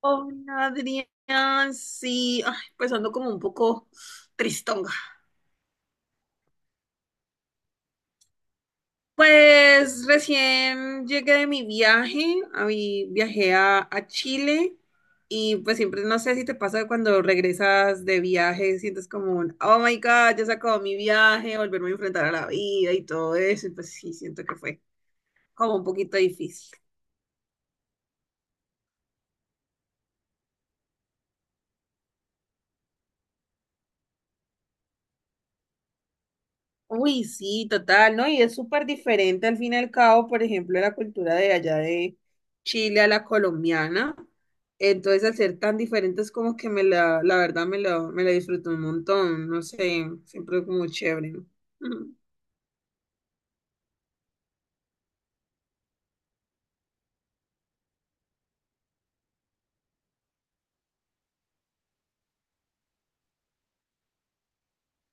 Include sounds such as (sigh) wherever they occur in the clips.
Hola, Adrián, sí, ay, pues ando como un poco tristonga. Pues recién llegué de mi viaje, viajé a Chile y pues siempre no sé si te pasa cuando regresas de viaje, sientes como un, oh my God, ya se acabó mi viaje, volverme a enfrentar a la vida y todo eso, y pues sí, siento que fue como un poquito difícil. Uy, sí, total, ¿no? Y es súper diferente al fin y al cabo, por ejemplo, la cultura de allá de Chile a la colombiana. Entonces, al ser tan diferentes, como que la verdad me la disfruto un montón, no sé, siempre como chévere, ¿no? Ujú.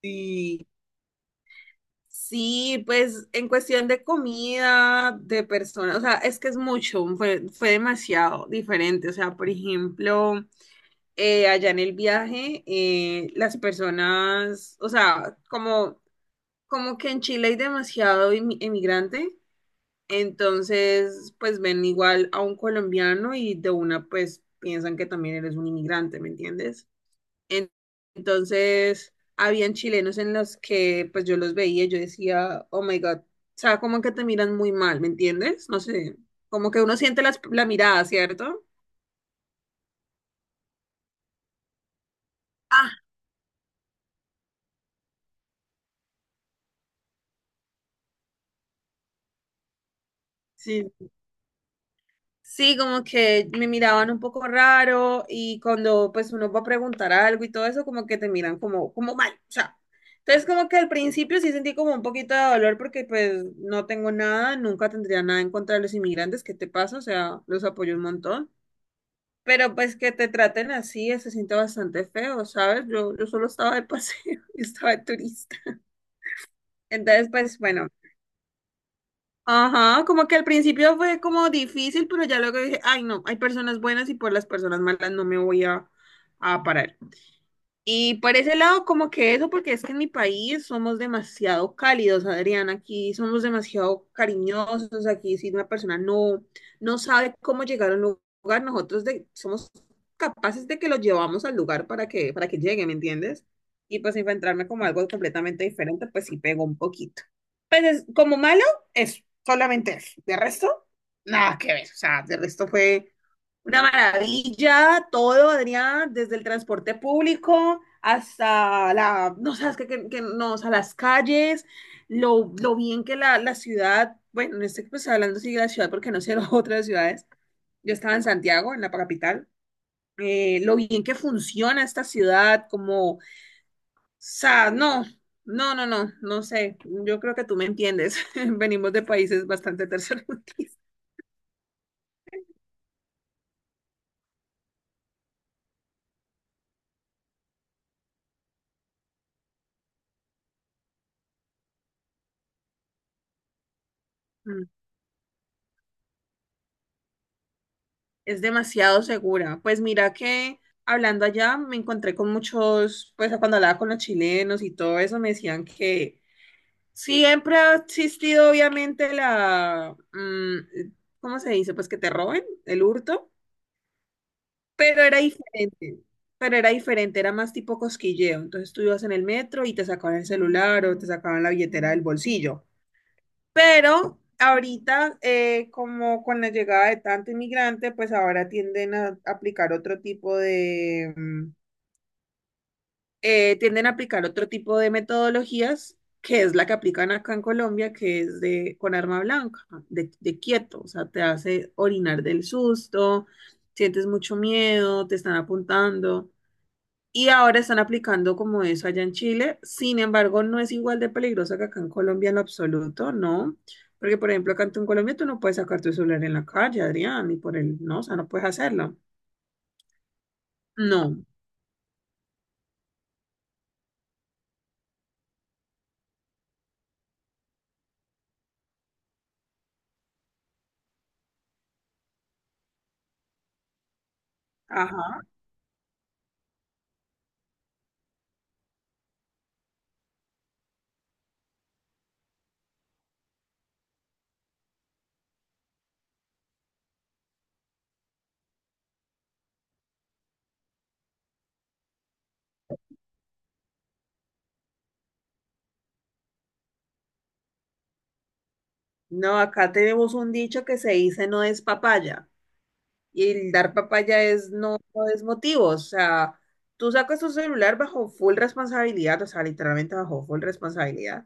Sí, sí, pues en cuestión de comida, de personas, o sea, es que es mucho, fue demasiado diferente. O sea, por ejemplo, allá en el viaje, las personas, o sea, como que en Chile hay demasiado emigrante, entonces pues ven igual a un colombiano y de una pues piensan que también eres un inmigrante, ¿me entiendes? En- Entonces habían chilenos en los que pues yo los veía y yo decía, oh my God, o sea, como que te miran muy mal, ¿me entiendes? No sé, como que uno siente la mirada, ¿cierto? Ah, sí. Sí, como que me miraban un poco raro y cuando pues uno va a preguntar algo y todo eso, como que te miran como mal, o sea. Entonces como que al principio sí sentí como un poquito de dolor porque pues no tengo nada, nunca tendría nada en contra de los inmigrantes, ¿qué te pasa? O sea, los apoyo un montón. Pero pues que te traten así, se siente bastante feo, ¿sabes? Yo solo estaba de paseo, (laughs) y estaba de turista. Entonces pues bueno, ajá, como que al principio fue como difícil, pero ya luego dije, ay no, hay personas buenas y por las personas malas no me voy a parar. Y por ese lado, como que eso, porque es que en mi país somos demasiado cálidos, Adrián, aquí somos demasiado cariñosos, aquí si una persona no, no sabe cómo llegar a un lugar, nosotros somos capaces de que lo llevamos al lugar para que llegue, ¿me entiendes? Y pues enfrentarme como algo completamente diferente, pues sí pegó un poquito. Pues como malo, eso, solamente eso. De resto, nada que ver, o sea, de resto fue una maravilla, todo, Adrián, desde el transporte público hasta la, no sabes no, o sea, las calles, lo bien que la ciudad, bueno, no estoy pues, hablando sí de la ciudad porque no sé (laughs) las otras ciudades. Yo estaba en Santiago, en la capital. Lo bien que funciona esta ciudad, como, o sea, no, no, no, no, no sé. Yo creo que tú me entiendes. (laughs) Venimos de países bastante tercermundistas. Es demasiado segura. Pues mira que hablando allá me encontré con muchos, pues cuando hablaba con los chilenos y todo eso, me decían que siempre ha existido obviamente la, ¿cómo se dice? Pues que te roben, el hurto, pero era diferente. Pero era diferente, era más tipo cosquilleo. Entonces tú ibas en el metro y te sacaban el celular o te sacaban la billetera del bolsillo. Pero ahorita, como con la llegada de tanto inmigrante, pues ahora tienden a aplicar otro tipo de metodologías, que es la que aplican acá en Colombia, que es de con arma blanca, de quieto, o sea, te hace orinar del susto, sientes mucho miedo, te están apuntando. Y ahora están aplicando como eso allá en Chile. Sin embargo, no es igual de peligrosa que acá en Colombia en lo absoluto, ¿no? Porque, por ejemplo, acá en Colombia tú no puedes sacar tu celular en la calle, Adrián, ni por el, no, o sea, no puedes hacerlo. No. Ajá. No, acá tenemos un dicho que se dice no es papaya. Y el dar papaya es no, no es motivo. O sea, tú sacas tu celular bajo full responsabilidad, o sea, literalmente bajo full responsabilidad.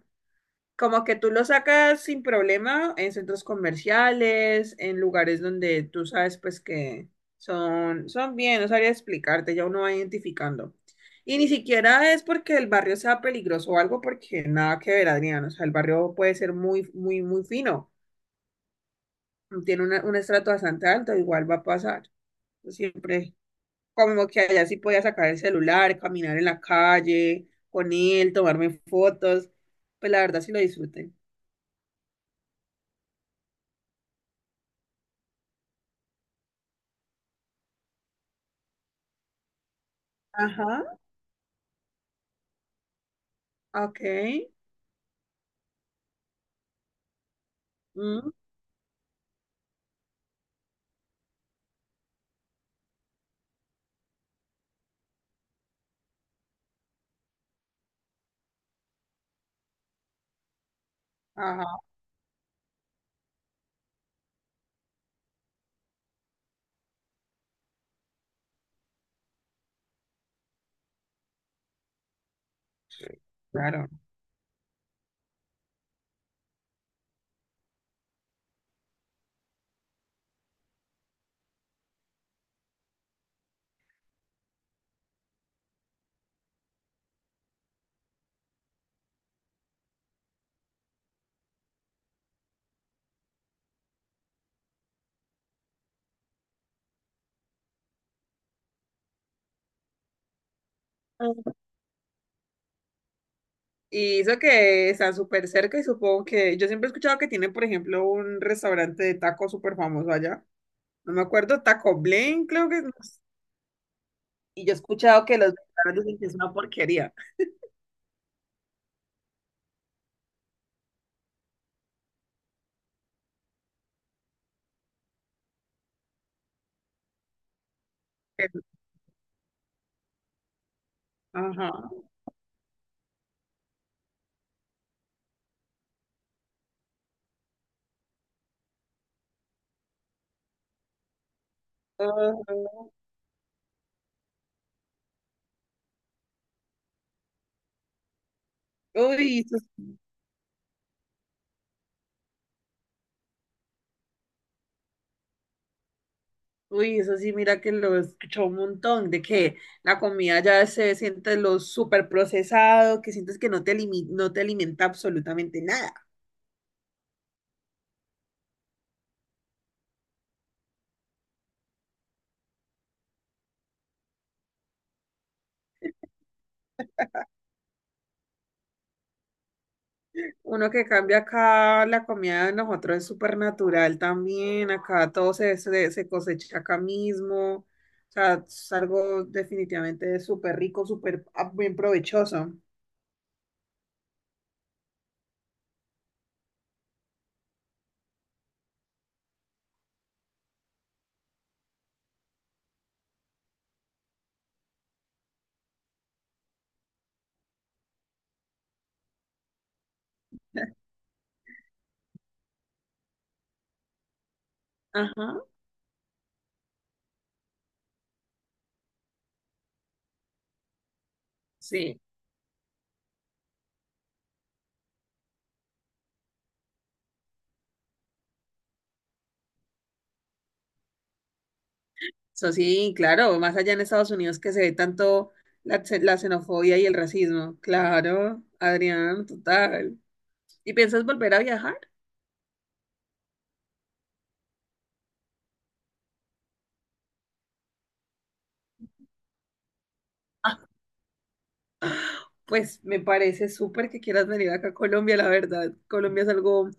Como que tú lo sacas sin problema en centros comerciales, en lugares donde tú sabes pues que son bien, no sabría explicarte, ya uno va identificando. Y ni siquiera es porque el barrio sea peligroso o algo, porque nada que ver, Adrián. O sea, el barrio puede ser muy, muy, muy fino. Tiene un estrato bastante alto, igual va a pasar. Yo siempre, como que allá sí podía sacar el celular, caminar en la calle con él, tomarme fotos. Pues la verdad sí lo disfruté. Ajá. Ok. Mm, ajá, sí. Claro. Y eso que está súper cerca y supongo que yo siempre he escuchado que tiene, por ejemplo, un restaurante de tacos súper famoso allá. No me acuerdo, Taco Blaine, creo que es. Y yo he escuchado que los mexicanos dicen que es una porquería. Pero- Ajá. Ajá. Uy, eso, Uy, eso sí, mira que lo escuchó un montón, de que la comida ya se siente lo súper procesado, que sientes que no te alimenta absolutamente nada. Uno que cambia acá la comida de nosotros es súper natural también, acá todo se cosecha acá mismo, o sea, es algo definitivamente súper rico, súper, bien provechoso. (laughs) Ajá, sí, eso sí, claro, más allá en Estados Unidos que se ve tanto la xenofobia y el racismo, claro, Adrián, total. ¿Y piensas volver a viajar? Pues me parece súper que quieras venir acá a Colombia, la verdad. Colombia es algo,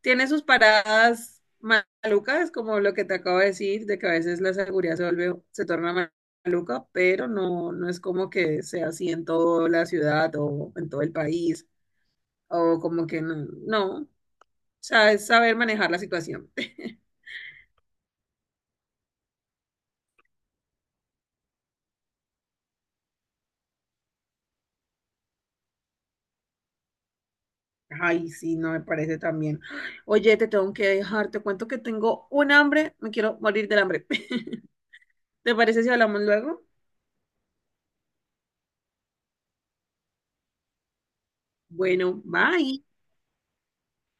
tiene sus paradas malucas, como lo que te acabo de decir, de que a veces la seguridad se vuelve, se torna maluca, pero no, no es como que sea así en toda la ciudad o en todo el país, o como que no, no, o sea, es saber manejar la situación. (laughs) Ay, sí, no me parece también. Oye, te tengo que dejar, te cuento que tengo un hambre, me quiero morir del hambre. (laughs) ¿Te parece si hablamos luego? Bueno, bye.